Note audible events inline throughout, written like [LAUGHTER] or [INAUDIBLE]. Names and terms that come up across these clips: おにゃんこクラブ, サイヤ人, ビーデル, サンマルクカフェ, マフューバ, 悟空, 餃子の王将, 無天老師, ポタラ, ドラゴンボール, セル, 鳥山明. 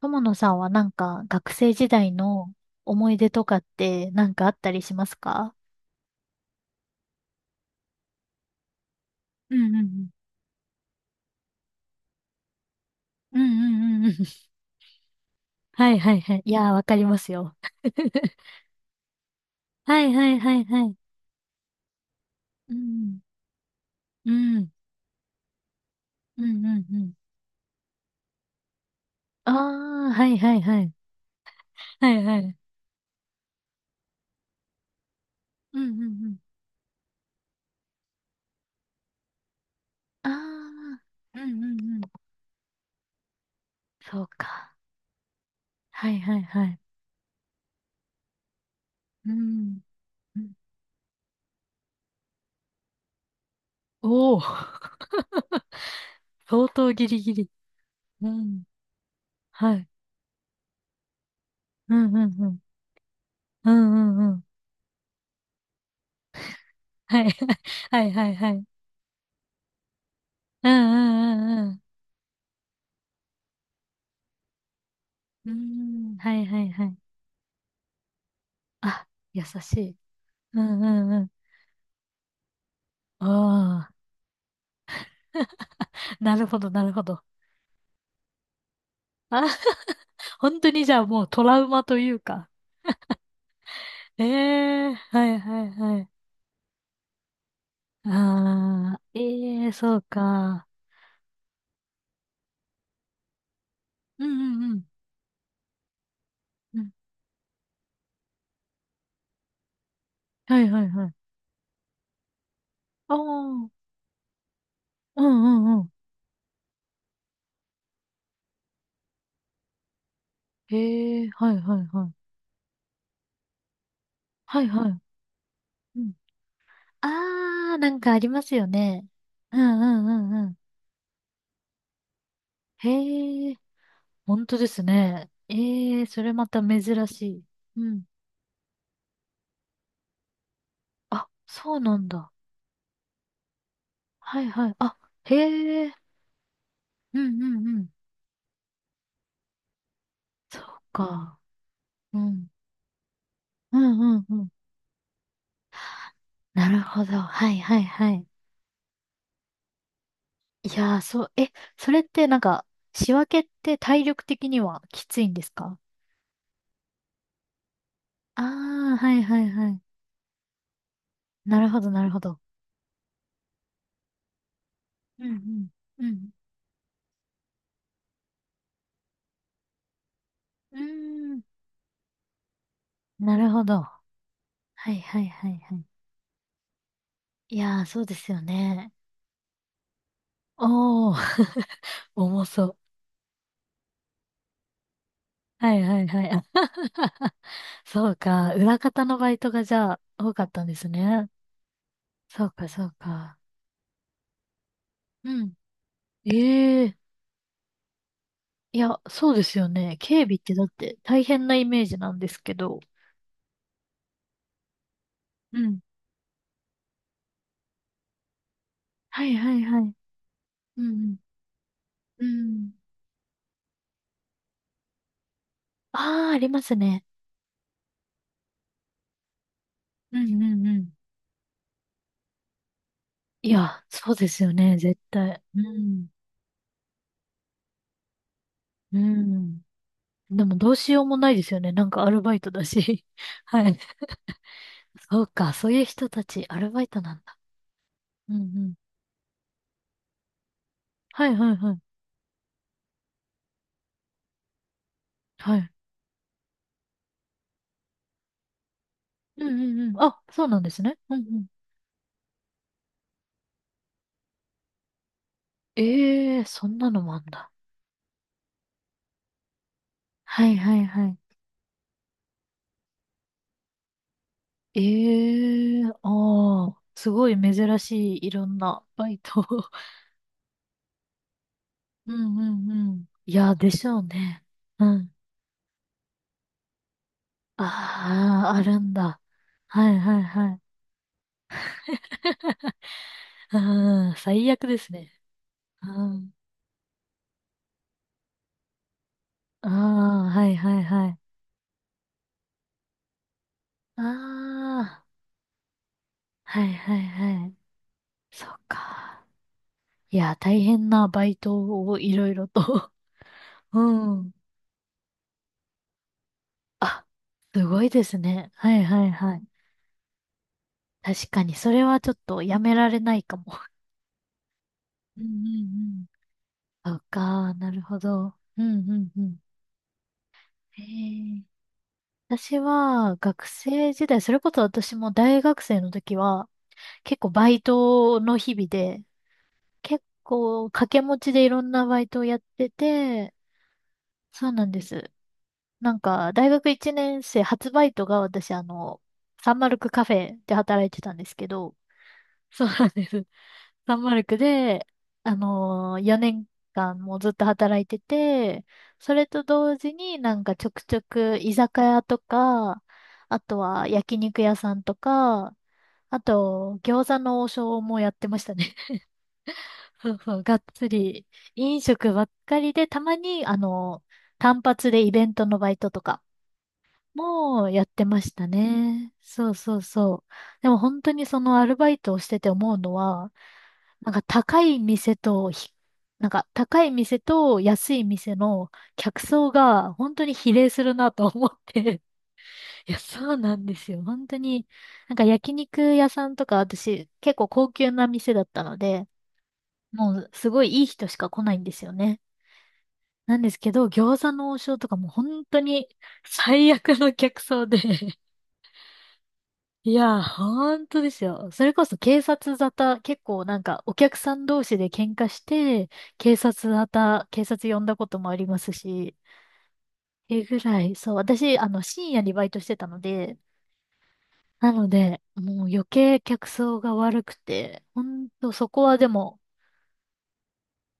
友野さんはなんか学生時代の思い出とかってなんかあったりしますか？うんうんうん。うんうんうんうん。[LAUGHS] はいはいはい。いやー、わかりますよ。[LAUGHS] はいはいはいはい。うん。うん。うんうんうん。ああ、はいはいはい。はいはい。うんうんうん。ああ、うんうんうん。そうか。はいはいはい。うん。うん。おお。[LAUGHS] 相当ギリギリ。うん。はい。うんうんうん。うんうんうん。はい。[LAUGHS] はいはいはい。うんうんうんうん。うーん。はいはいはい。あ、優しい。うんうんうん。ああ、なるほどなるほど。あ、本当にじゃあもうトラウマというか。ええ、はいはいはい。ああ、ええ、そうか。うんうんうん。うん。はいはいはい。ああ、うんうんうん。ええ、はいはいはい。はいはい。うん。ああ、なんかありますよね。うんうんうん。へえ、本当ですね。ええ、それまた珍しい。うん。あ、そうなんだ。はいはい。あ、へえ、うんうんうん。そうか。うん。うんうんうん。なるほど。はいはいはい。いやー、そう、え、それってなんか、仕分けって体力的にはきついんですか？ああー、はいはいはい。なるほどなるほど。うんうん。うん。うーん。なるほど。はいはいはいはい。いやー、そうですよね。おー。重そう。はいはいはい。あ、そうか。裏方のバイトがじゃあ多かったんですね。そうかそうか。うん。ええ。いや、そうですよね。警備ってだって大変なイメージなんですけど。うん。はいはいはい。うんうん。うん。ああ、ありますね。うんうんうん。いや、そうですよね。絶対。うん。うん。でもどうしようもないですよね。なんかアルバイトだし。[LAUGHS] はい。そうか。そういう人たち、アルバイトなんだ。うんうん。はいはいはい。はい。うんうんうん。あ、そうなんですね。うんうん。ええー、そんなのもあんだ。はいはいはい。ええー、ああ、すごい珍しいいろんなバイト。[LAUGHS] うんうんうん。いや、でしょうね。うん。ああ、あるんだ。はいはいはい。うん、最悪ですね。うん。ああ、はいはいはい。ああ、はいはいはい。そっか。いや、大変なバイトをいろいろと。うん。あ、すごいですね。はいはいはい。確かに、それはちょっとやめられないかも。うんうんうん。そうか、なるほど。うんうんうん。へえ。私は学生時代、それこそ私も大学生の時は、結構バイトの日々で、結構掛け持ちでいろんなバイトをやってて、そうなんです。なんか、大学1年生初バイトが私、サンマルクカフェで働いてたんですけど、そうなんです。[LAUGHS] サンマルクで、4年間もずっと働いてて、それと同時になんかちょくちょく居酒屋とか、あとは焼肉屋さんとか、あと餃子の王将もやってましたね。[LAUGHS] そうそう、がっつり飲食ばっかりで、たまに単発でイベントのバイトとか、もうやってましたね。そうそうそう。でも本当にそのアルバイトをしてて思うのは、なんか高い店とひ、なんか高い店と安い店の客層が本当に比例するなと思って。[LAUGHS] いや、そうなんですよ。本当に。なんか焼肉屋さんとか私結構高級な店だったので、もうすごいいい人しか来ないんですよね。なんですけど、餃子の王将とかも本当に最悪の客層で。いや、本当ですよ。それこそ警察沙汰、結構なんかお客さん同士で喧嘩して、警察沙汰、警察呼んだこともありますし、っていうぐらい、そう、私、深夜にバイトしてたので、なので、もう余計客層が悪くて、本当そこはでも、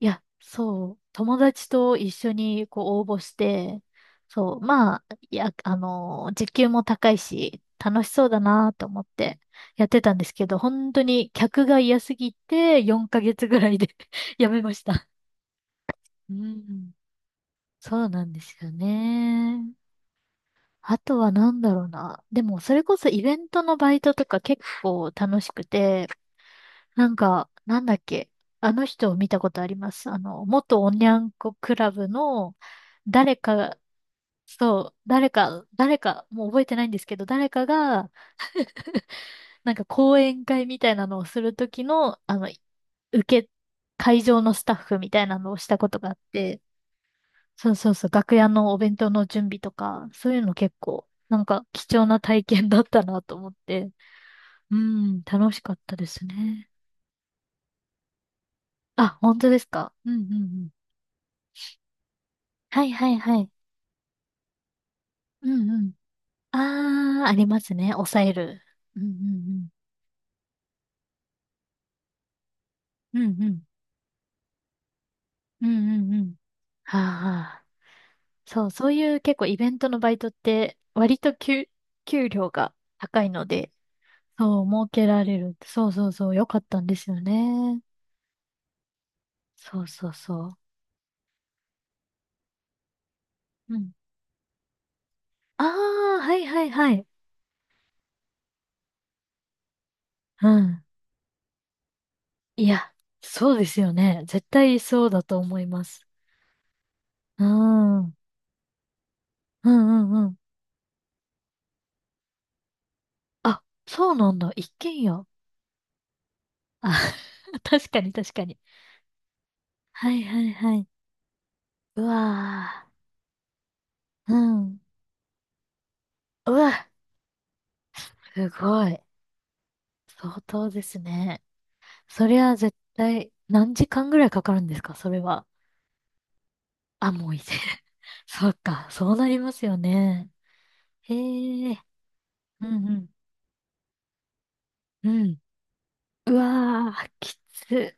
いや、そう、友達と一緒にこう応募して、そう、まあ、いや、あの時給も高いし、楽しそうだなと思ってやってたんですけど、本当に客が嫌すぎて4ヶ月ぐらいで [LAUGHS] やめました。うん、そうなんですよね。あとは何だろうな。でも、それこそイベントのバイトとか結構楽しくて、なんか、なんだっけ。あの人を見たことあります。元おにゃんこクラブの、誰かが、そう、誰か、誰か、もう覚えてないんですけど、誰かが、なんか講演会みたいなのをするときの、受け、会場のスタッフみたいなのをしたことがあって、そうそうそう、楽屋のお弁当の準備とか、そういうの結構、なんか貴重な体験だったなと思って、うん、楽しかったですね。あ、本当ですか。うんうんうん。はいはいはい。うんうん。ああ、ありますね。抑える。うんうんうん。うんうん。うんうんうん。はあ、そう、そういう結構イベントのバイトって割と給料が高いので、そう、儲けられる。そうそうそう、良かったんですよね。そうそうそう。うん。ああ、はいはいはい。うん。いや、そうですよね。絶対そうだと思います。うん。うんうんうん。あ、そうなんだ。一軒家。あ、[LAUGHS] 確かに確かに。はいはいはい。うわー。うん。うわ、すごい。相当ですね。そりゃ絶対何時間ぐらいかかるんですかそれは？あ、もういいぜ。[LAUGHS] そっか、そうなりますよね。へえ。うんうん。うん。うわー、きつ。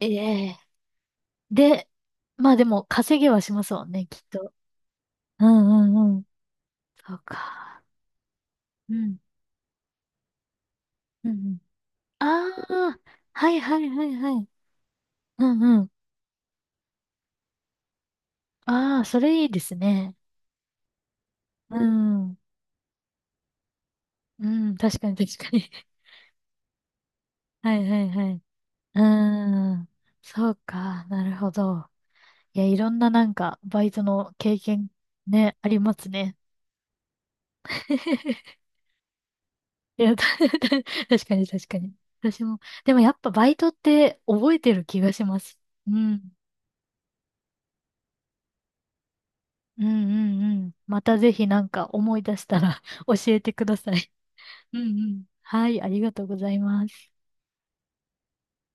ええ。で、まあでも稼ぎはしますもんね、きっと。うんうんうん。そうか。うん。うんうん。ああ、はいはいはいはい。うんうん。ああ、それいいですね。うん。うん、確かに確かに。[LAUGHS] はいはいはい。うーん。そうか、なるほど。いや、いろんななんか、バイトの経験ね、ありますね。[LAUGHS] いや、た [LAUGHS] 確かに確かに。私も。でもやっぱバイトって覚えてる気がします。うん。うんうんうん。またぜひなんか思い出したら [LAUGHS] 教えてください。うんうん。はい、ありがとうございます。